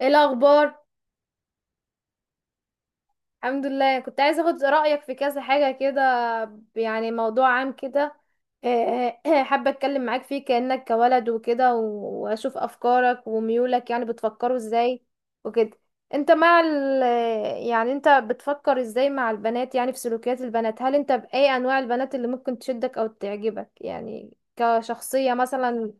ايه الاخبار؟ الحمد لله، كنت عايزه اخد رايك في كذا حاجه كده. يعني موضوع عام كده. إيه إيه، حابه اتكلم معاك فيه كانك كولد وكده واشوف افكارك وميولك، يعني بتفكروا ازاي وكده. انت مع ال يعني انت بتفكر ازاي مع البنات؟ يعني في سلوكيات البنات، هل انت باي انواع البنات اللي ممكن تشدك او تعجبك، يعني كشخصيه مثلا؟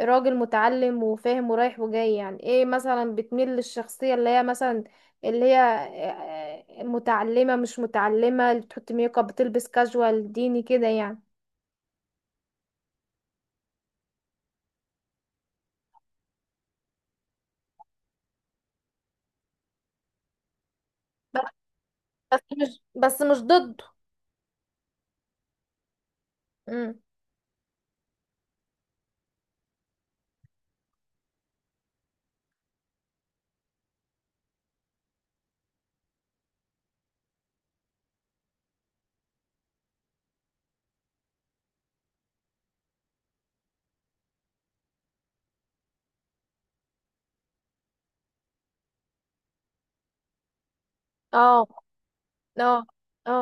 راجل متعلم وفاهم ورايح وجاي، يعني ايه مثلا؟ بتميل للشخصية اللي هي مثلا اللي هي متعلمة، مش متعلمة، اللي بتحط ميك اب، بتلبس كاجوال ديني كده يعني؟ بس مش ضده. امم اه. اه. اه.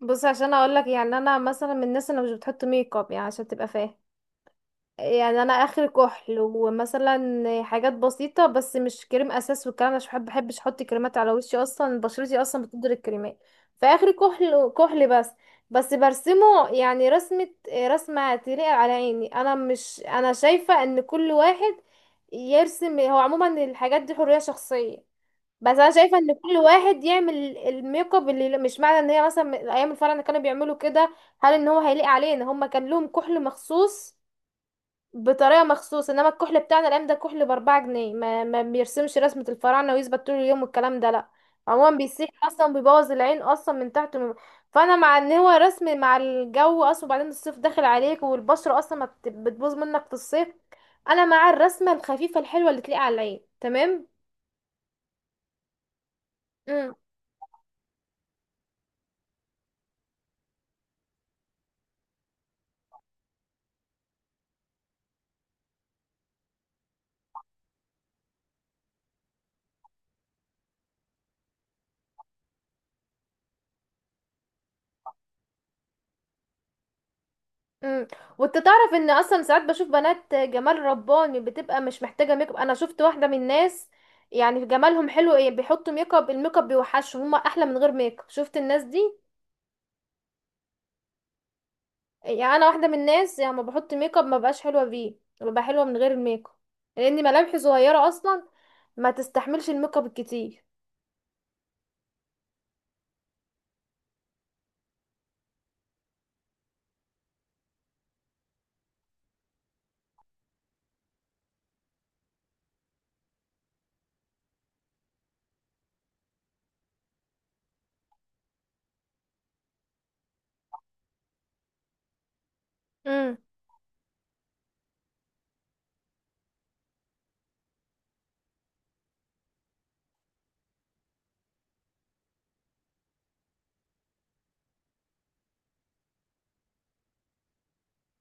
بص، عشان اقول لك، يعني انا مثلا من الناس اللي مش بتحط ميك اب، يعني عشان تبقى فاهم. يعني انا اخر كحل، ومثلا حاجات بسيطه، بس مش كريم اساس والكلام ده، عشان بحب بحبش احط كريمات على وشي، اصلا بشرتي اصلا بتقدر الكريمات. فاخر كحل بس. بس برسمه، يعني رسمه تليق على عيني. انا مش، انا شايفه ان كل واحد يرسم هو، عموما الحاجات دي حريه شخصيه. بس انا شايفه ان كل واحد يعمل الميك اب اللي، مش معنى ان هي مثلا ايام الفرح اللي كانوا بيعملوا كده، هل ان هو هيليق علينا؟ هما كان لهم كحل مخصوص بطريقه مخصوص، انما الكحل بتاعنا الايام ده كحل باربعة جنيه ما بيرسمش رسمه الفراعنه ويثبت طول اليوم والكلام ده، لا. عموما بيسيح، اصلا بيبوظ العين اصلا من تحت فانا مع ان هو رسم مع الجو اصلا، وبعدين الصيف داخل عليك والبشره اصلا ما بت- بتبوظ منك في الصيف. انا مع الرسمه الخفيفه الحلوه اللي تليق على العين، تمام. امم وانت تعرف ان اصلا ساعات بشوف بنات جمال رباني بتبقى مش محتاجه ميك اب؟ انا شفت واحده من الناس، يعني جمالهم حلو، ايه بيحطوا ميك اب؟ الميك اب بيوحشهم، هما احلى من غير ميك اب. شفت الناس دي؟ يعني انا واحده من الناس، يعني ما بحط ميك اب، ما بقاش حلوه بيه، ببقى حلوه من غير الميك اب، لان ملامحي صغيره اصلا، ما تستحملش الميك اب الكتير. امم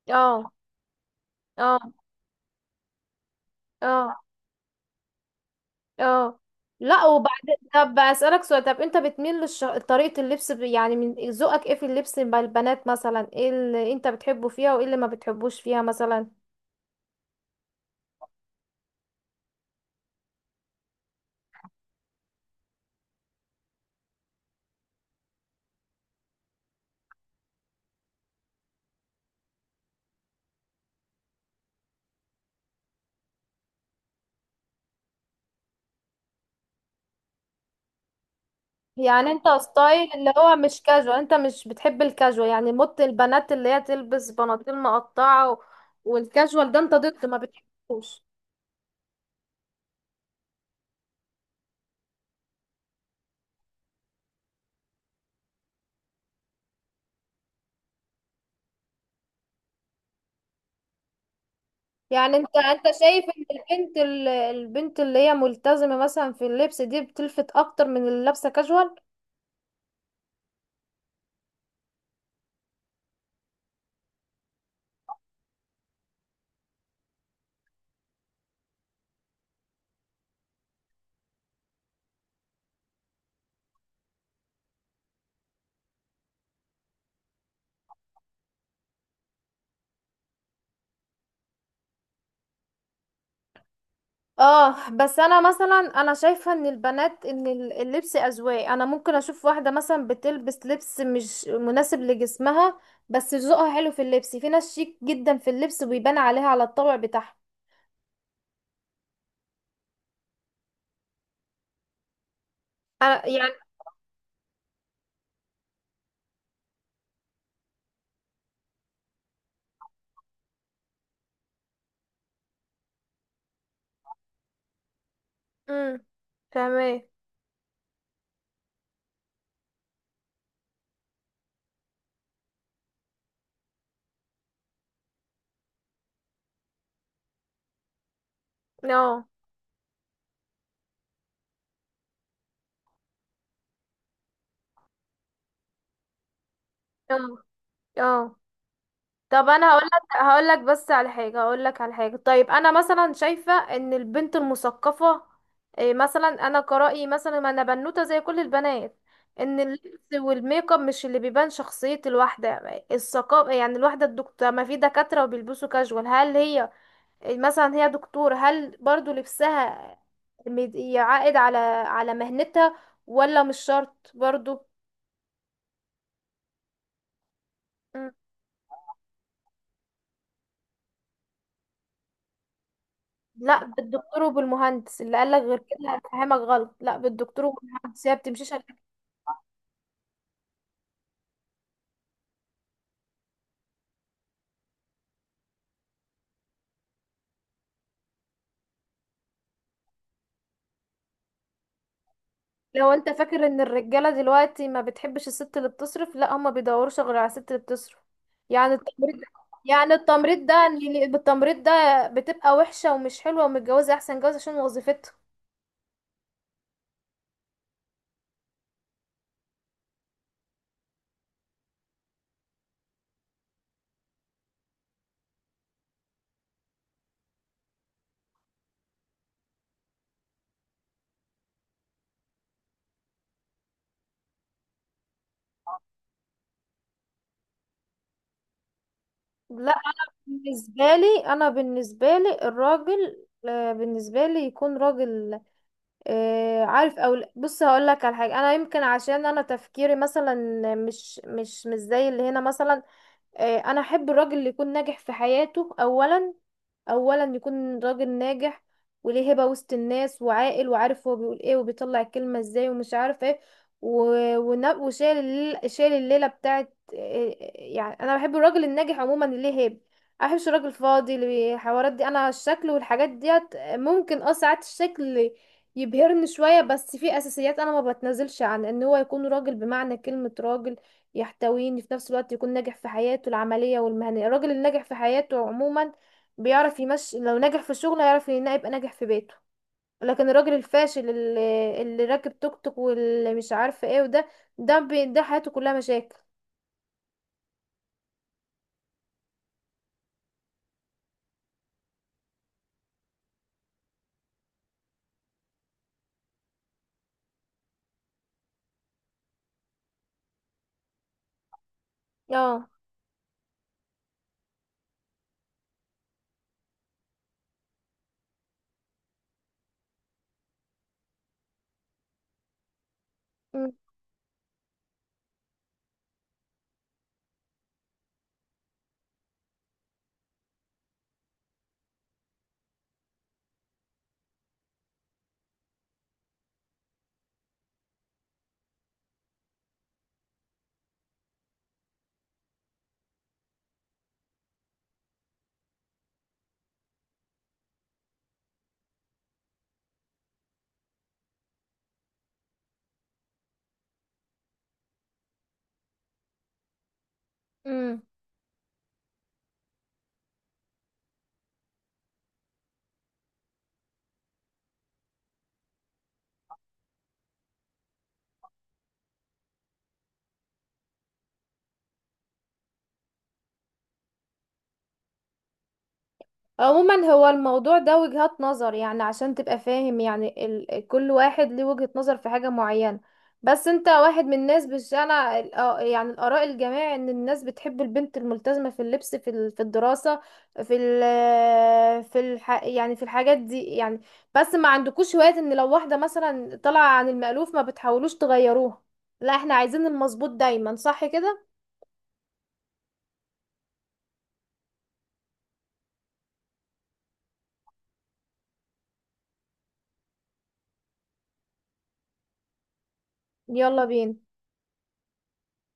اه. اه. اه. اه. لا، وبعدين طب اسالك سؤال، طب انت بتميل طريقه اللبس يعني من ذوقك، ايه في اللبس مع البنات مثلا؟ ايه اللي انت بتحبه فيها وايه اللي ما بتحبوش فيها مثلا؟ يعني انت ستايل اللي هو مش كاجوال، انت مش بتحب الكاجوال؟ يعني موت البنات اللي هي تلبس بناطيل مقطعه والكاجوال ده انت ضده ما بتحبوش؟ يعني انت شايف ان البنت اللي هي ملتزمه مثلا في اللبس دي بتلفت اكتر من اللي لابسه كاجوال؟ اه، بس انا مثلا، شايفه ان البنات، ان اللبس اذواق، انا ممكن اشوف واحده مثلا بتلبس لبس مش مناسب لجسمها، بس ذوقها حلو في اللبس. في ناس شيك جدا في اللبس وبيبان عليها على الطبع بتاعها. انا يعني امم تمام. اه. اه. اه. طب انا هقول لك، هقول لك على حاجه، هقول لك على حاجه. طيب انا مثلا شايفه ان البنت المثقفه، إيه مثلا، انا كرأيي مثلا، ما انا بنوته زي كل البنات، ان اللبس والميك اب مش اللي بيبان شخصيه الواحده. الثقافه، يعني الواحده الدكتوره، ما في دكاتره وبيلبسوا كاجوال، هل هي إيه مثلا هي دكتوره، هل برضو لبسها يعائد على على مهنتها؟ ولا مش شرط برضو؟ لا، بالدكتور وبالمهندس، اللي قالك غير كده هفهمك غلط، لا بالدكتور وبالمهندس، لو انت فاكر ان الرجاله دلوقتي ما بتحبش الست اللي بتصرف، لا هما بيدوروش غير على الست اللي بتصرف. يعني التمريض، يعني التمريض بالتمريض ده بتبقى وحشه ومش حلوه ومتجوزه احسن جواز عشان وظيفتها. لا، بالنسبه لي الراجل، بالنسبه لي يكون راجل، عارف او لا. بص، هقول لك على حاجه. انا يمكن عشان انا تفكيري مثلا مش زي اللي هنا مثلا. انا احب الراجل اللي يكون ناجح في حياته اولا، اولا يكون راجل ناجح وليه هبة وسط الناس، وعاقل وعارف هو بيقول ايه وبيطلع الكلمة ازاي ومش عارف ايه و... شايل الليلة بتاعت يعني انا بحب الراجل الناجح عموما اللي ليه هيبة. ما بحبش الراجل الفاضي، اللي حوارات دي، انا الشكل والحاجات ديت ممكن، اه، ساعات الشكل يبهرني شوية، بس في اساسيات انا ما بتنازلش عن ان هو يكون راجل بمعنى كلمة راجل، يحتويني في نفس الوقت، يكون ناجح في حياته العملية والمهنية. الراجل الناجح في حياته عموما بيعرف يمشي، لو نجح في شغله يعرف ان يبقى ناجح في بيته، لكن الراجل الفاشل اللي راكب توك توك واللي مش عارفه ايه وده، ده حياته كلها مشاكل. اه. أم، أم. عموما هو الموضوع ده وجهات نظر، يعني عشان تبقى فاهم، يعني كل واحد ليه وجهة نظر في حاجة معينة. بس انت واحد من الناس، آه يعني الآراء الجماعي ان الناس بتحب البنت الملتزمة في اللبس، في في الدراسة، في في يعني في الحاجات دي يعني. بس ما عندكوش هواية ان لو واحدة مثلا طالعة عن المألوف ما بتحاولوش تغيروها؟ لا، احنا عايزين المظبوط دايما، صح كده؟ يلا بينا.